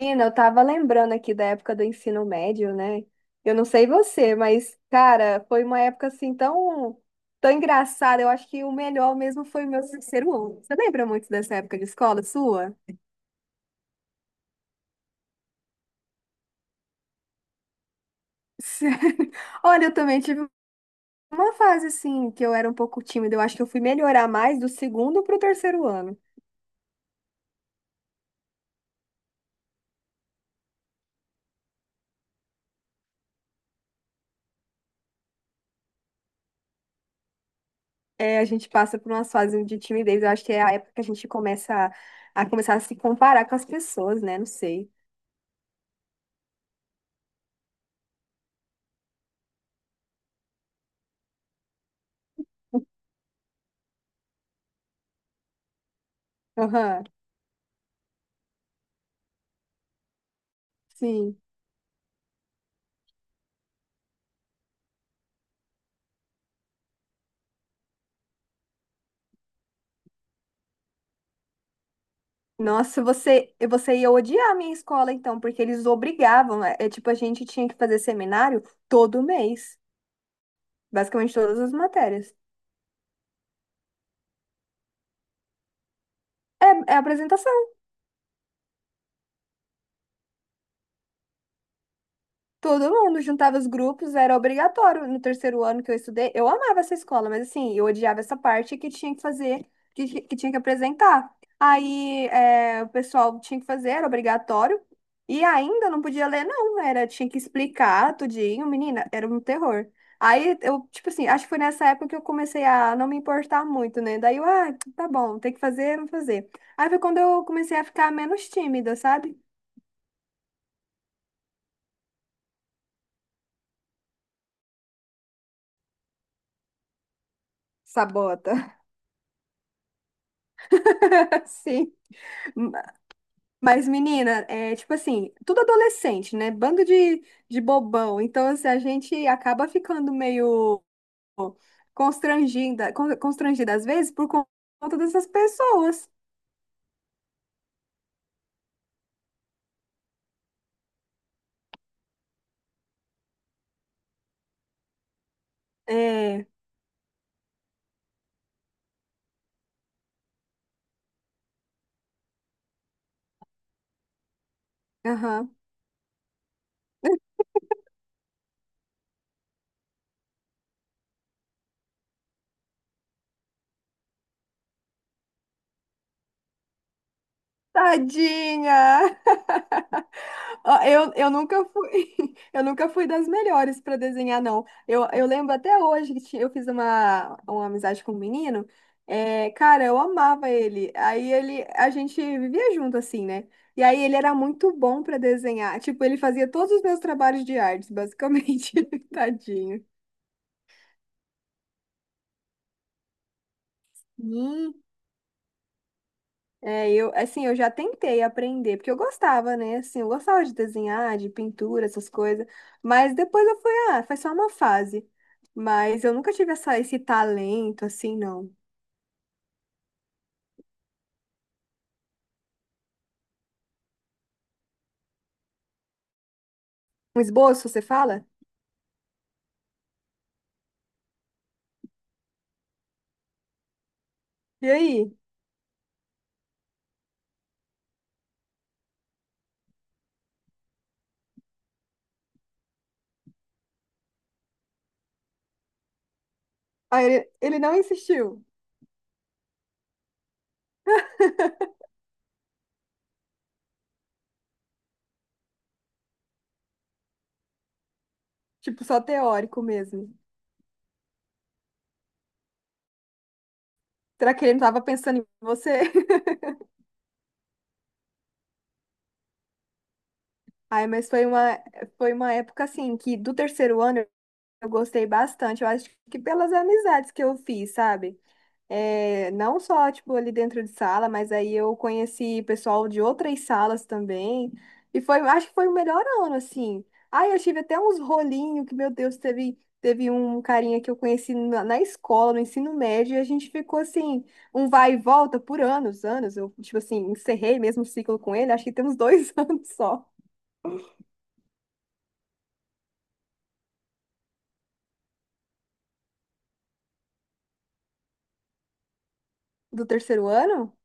Menina, eu tava lembrando aqui da época do ensino médio, né? Eu não sei você, mas, cara, foi uma época assim tão engraçada. Eu acho que o melhor mesmo foi o meu terceiro ano. Você lembra muito dessa época de escola sua? Sério? Olha, eu também tive uma fase assim que eu era um pouco tímida. Eu acho que eu fui melhorar mais do segundo pro terceiro ano. É, a gente passa por umas fases de timidez. Eu acho que é a época que a gente começa a começar a se comparar com as pessoas, né? Não sei. Aham, sim. Nossa, você ia odiar a minha escola, então, porque eles obrigavam. É tipo, a gente tinha que fazer seminário todo mês, basicamente todas as matérias. É, é apresentação. Todo mundo juntava os grupos, era obrigatório. No terceiro ano que eu estudei, eu amava essa escola, mas assim, eu odiava essa parte que tinha que fazer, que tinha que apresentar. Aí, é, o pessoal tinha que fazer, era obrigatório, e ainda não podia ler, não, era, tinha que explicar tudinho, menina, era um terror. Aí, eu, tipo assim, acho que foi nessa época que eu comecei a não me importar muito, né? Daí eu, ah, tá bom, tem que fazer, vamos fazer. Aí foi quando eu comecei a ficar menos tímida, sabe? Sabota. Sim. Mas, menina, é tipo assim, tudo adolescente, né? Bando de bobão. Então, assim, a gente acaba ficando meio constrangida, constrangida às vezes por conta dessas pessoas. É, aham. Tadinha! Ah, eu nunca fui, eu nunca fui das melhores para desenhar, não. Eu lembro até hoje que eu fiz uma amizade com um menino. É, cara, eu amava ele. Aí ele, a gente vivia junto assim, né? E aí ele era muito bom para desenhar. Tipo, ele fazia todos os meus trabalhos de artes, basicamente. Tadinho. É, eu, assim, eu já tentei aprender, porque eu gostava, né? Assim, eu gostava de desenhar, de pintura, essas coisas. Mas depois eu fui, ah, foi só uma fase. Mas eu nunca tive essa, esse talento, assim, não. Um esboço, você fala? E aí? Aí ele não insistiu. Tipo, só teórico mesmo. Será que ele não tava pensando em você? Ai, mas foi uma época, assim, que do terceiro ano eu gostei bastante. Eu acho que pelas amizades que eu fiz, sabe? É, não só, tipo, ali dentro de sala, mas aí eu conheci pessoal de outras salas também. E foi, acho que foi o melhor ano, assim. Ai, eu tive até uns rolinhos que, meu Deus, teve um carinha que eu conheci na, na escola, no ensino médio, e a gente ficou assim, um vai e volta por anos, anos. Eu, tipo assim, encerrei mesmo o ciclo com ele, acho que tem uns dois anos só do terceiro ano.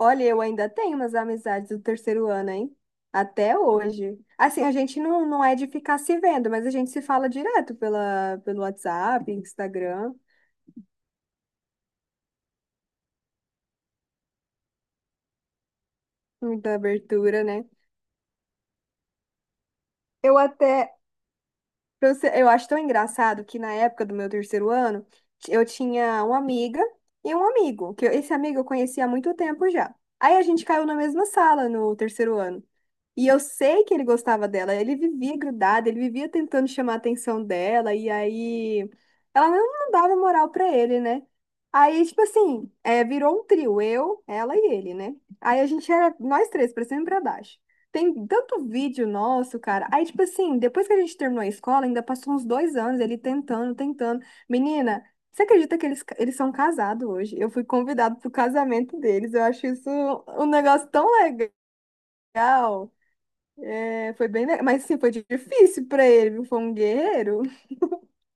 Olha, eu ainda tenho umas amizades do terceiro ano, hein? Até hoje. Assim, a gente não, não é de ficar se vendo, mas a gente se fala direto pela, pelo WhatsApp, Instagram, muita abertura, né? Eu até, Pra você- Eu acho tão engraçado que na época do meu terceiro ano, eu tinha uma amiga e um amigo, que eu- esse amigo eu conhecia há muito tempo já. Aí a gente caiu na mesma sala no terceiro ano. E eu sei que ele gostava dela, ele vivia grudado, ele vivia tentando chamar a atenção dela, e aí ela não, não dava moral pra ele, né? Aí, tipo assim, é, virou um trio, eu, ela e ele, né? Aí a gente era nós três, pra cima e pra baixo. Tem tanto vídeo nosso, cara. Aí, tipo assim, depois que a gente terminou a escola, ainda passou uns dois anos ele tentando, tentando. Menina, você acredita que eles são casados hoje? Eu fui convidado pro casamento deles. Eu acho isso um negócio tão legal. É, foi bem, mas sim, foi difícil pra ele, viu? Foi um guerreiro.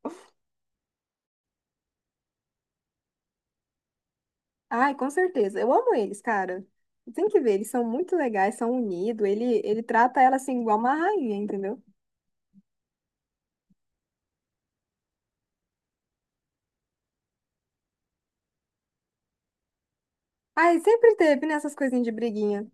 Ai, com certeza. Eu amo eles, cara. Tem que ver, eles são muito legais, são unidos. Ele trata ela assim, igual uma rainha, entendeu? Ai, sempre teve, né, essas coisinhas de briguinha.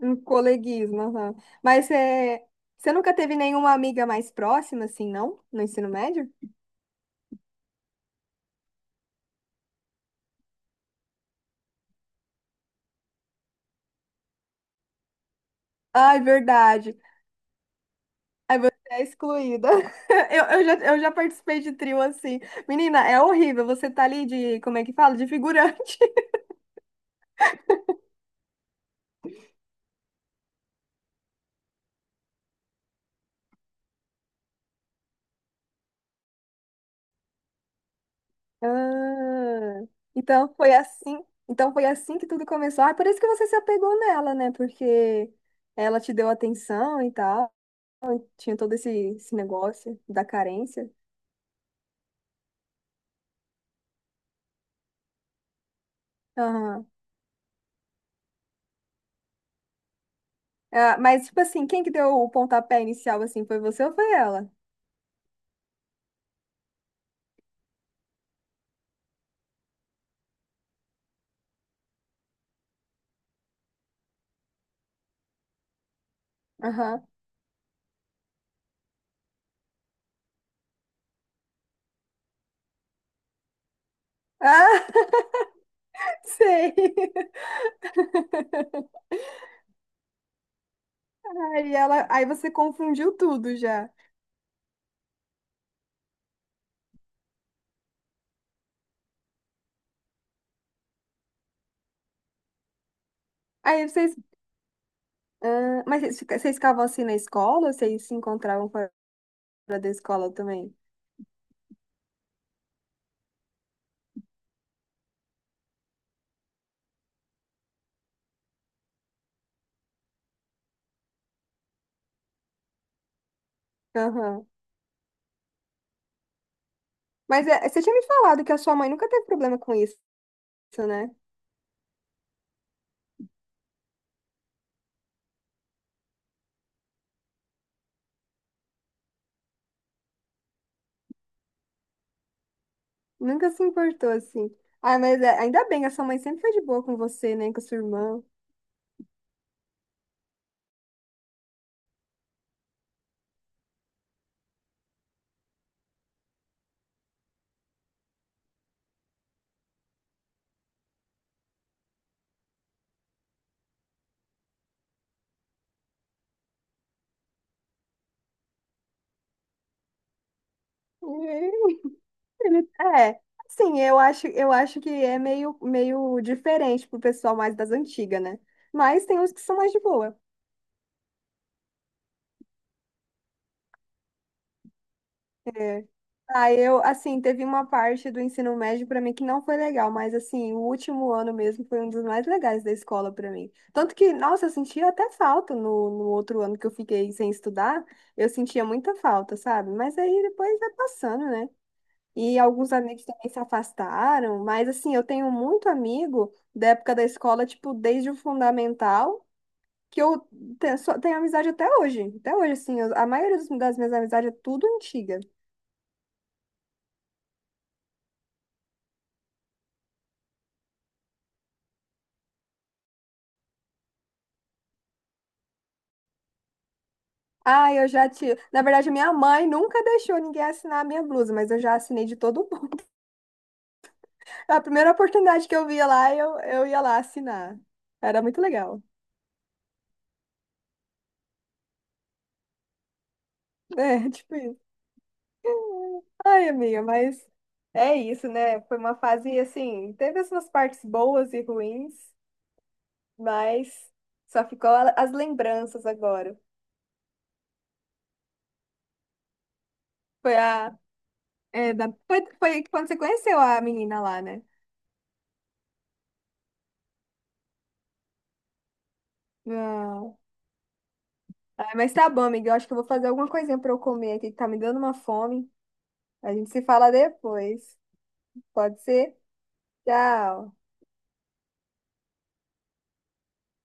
Um coleguismo. Aham. Mas é, você nunca teve nenhuma amiga mais próxima, assim, não? No ensino médio? Ai, verdade. Aí você é excluída. Eu já participei de trio assim. Menina, é horrível. Você tá ali de, como é que fala? De figurante. Ah, então foi assim. Então foi assim que tudo começou. Ah, é por isso que você se apegou nela, né? Porque ela te deu atenção e tal. Tinha todo esse, esse negócio da carência. Ah, mas, tipo assim, quem que deu o pontapé inicial, assim, foi você ou foi ela? Aham. Ah, sei. Aí ela, aí você confundiu tudo já. Aí vocês, ah, mas vocês vocês ficavam assim na escola ou vocês se encontravam fora da escola também? Aham. Mas é, você tinha me falado que a sua mãe nunca teve problema com isso, né? Nunca se importou assim. Ah, mas ainda bem, a sua mãe sempre foi de boa com você, né? Com a sua irmã. É, sim, eu acho que é meio, meio diferente pro pessoal mais das antigas, né? Mas tem uns que são mais de boa. É. Ah, eu, assim, teve uma parte do ensino médio pra mim que não foi legal, mas, assim, o último ano mesmo foi um dos mais legais da escola pra mim. Tanto que, nossa, eu sentia até falta no, no outro ano que eu fiquei sem estudar, eu sentia muita falta, sabe? Mas aí depois vai passando, né? E alguns amigos também se afastaram, mas assim, eu tenho muito amigo da época da escola, tipo, desde o fundamental, que eu só tenho amizade até hoje. Até hoje, assim, a maioria das minhas amizades é tudo antiga. Ah, eu já te. Na verdade, minha mãe nunca deixou ninguém assinar a minha blusa, mas eu já assinei de todo mundo. A primeira oportunidade que eu via lá, eu ia lá assinar. Era muito legal. É, tipo isso. Ai, amiga, mas é isso, né? Foi uma fase assim, teve as suas partes boas e ruins, mas só ficou as lembranças agora. Foi a. É, da, foi, foi quando você conheceu a menina lá, né? Não. Ah, mas tá bom, amiga. Eu acho que eu vou fazer alguma coisinha pra eu comer aqui, que tá me dando uma fome. A gente se fala depois. Pode ser? Tchau.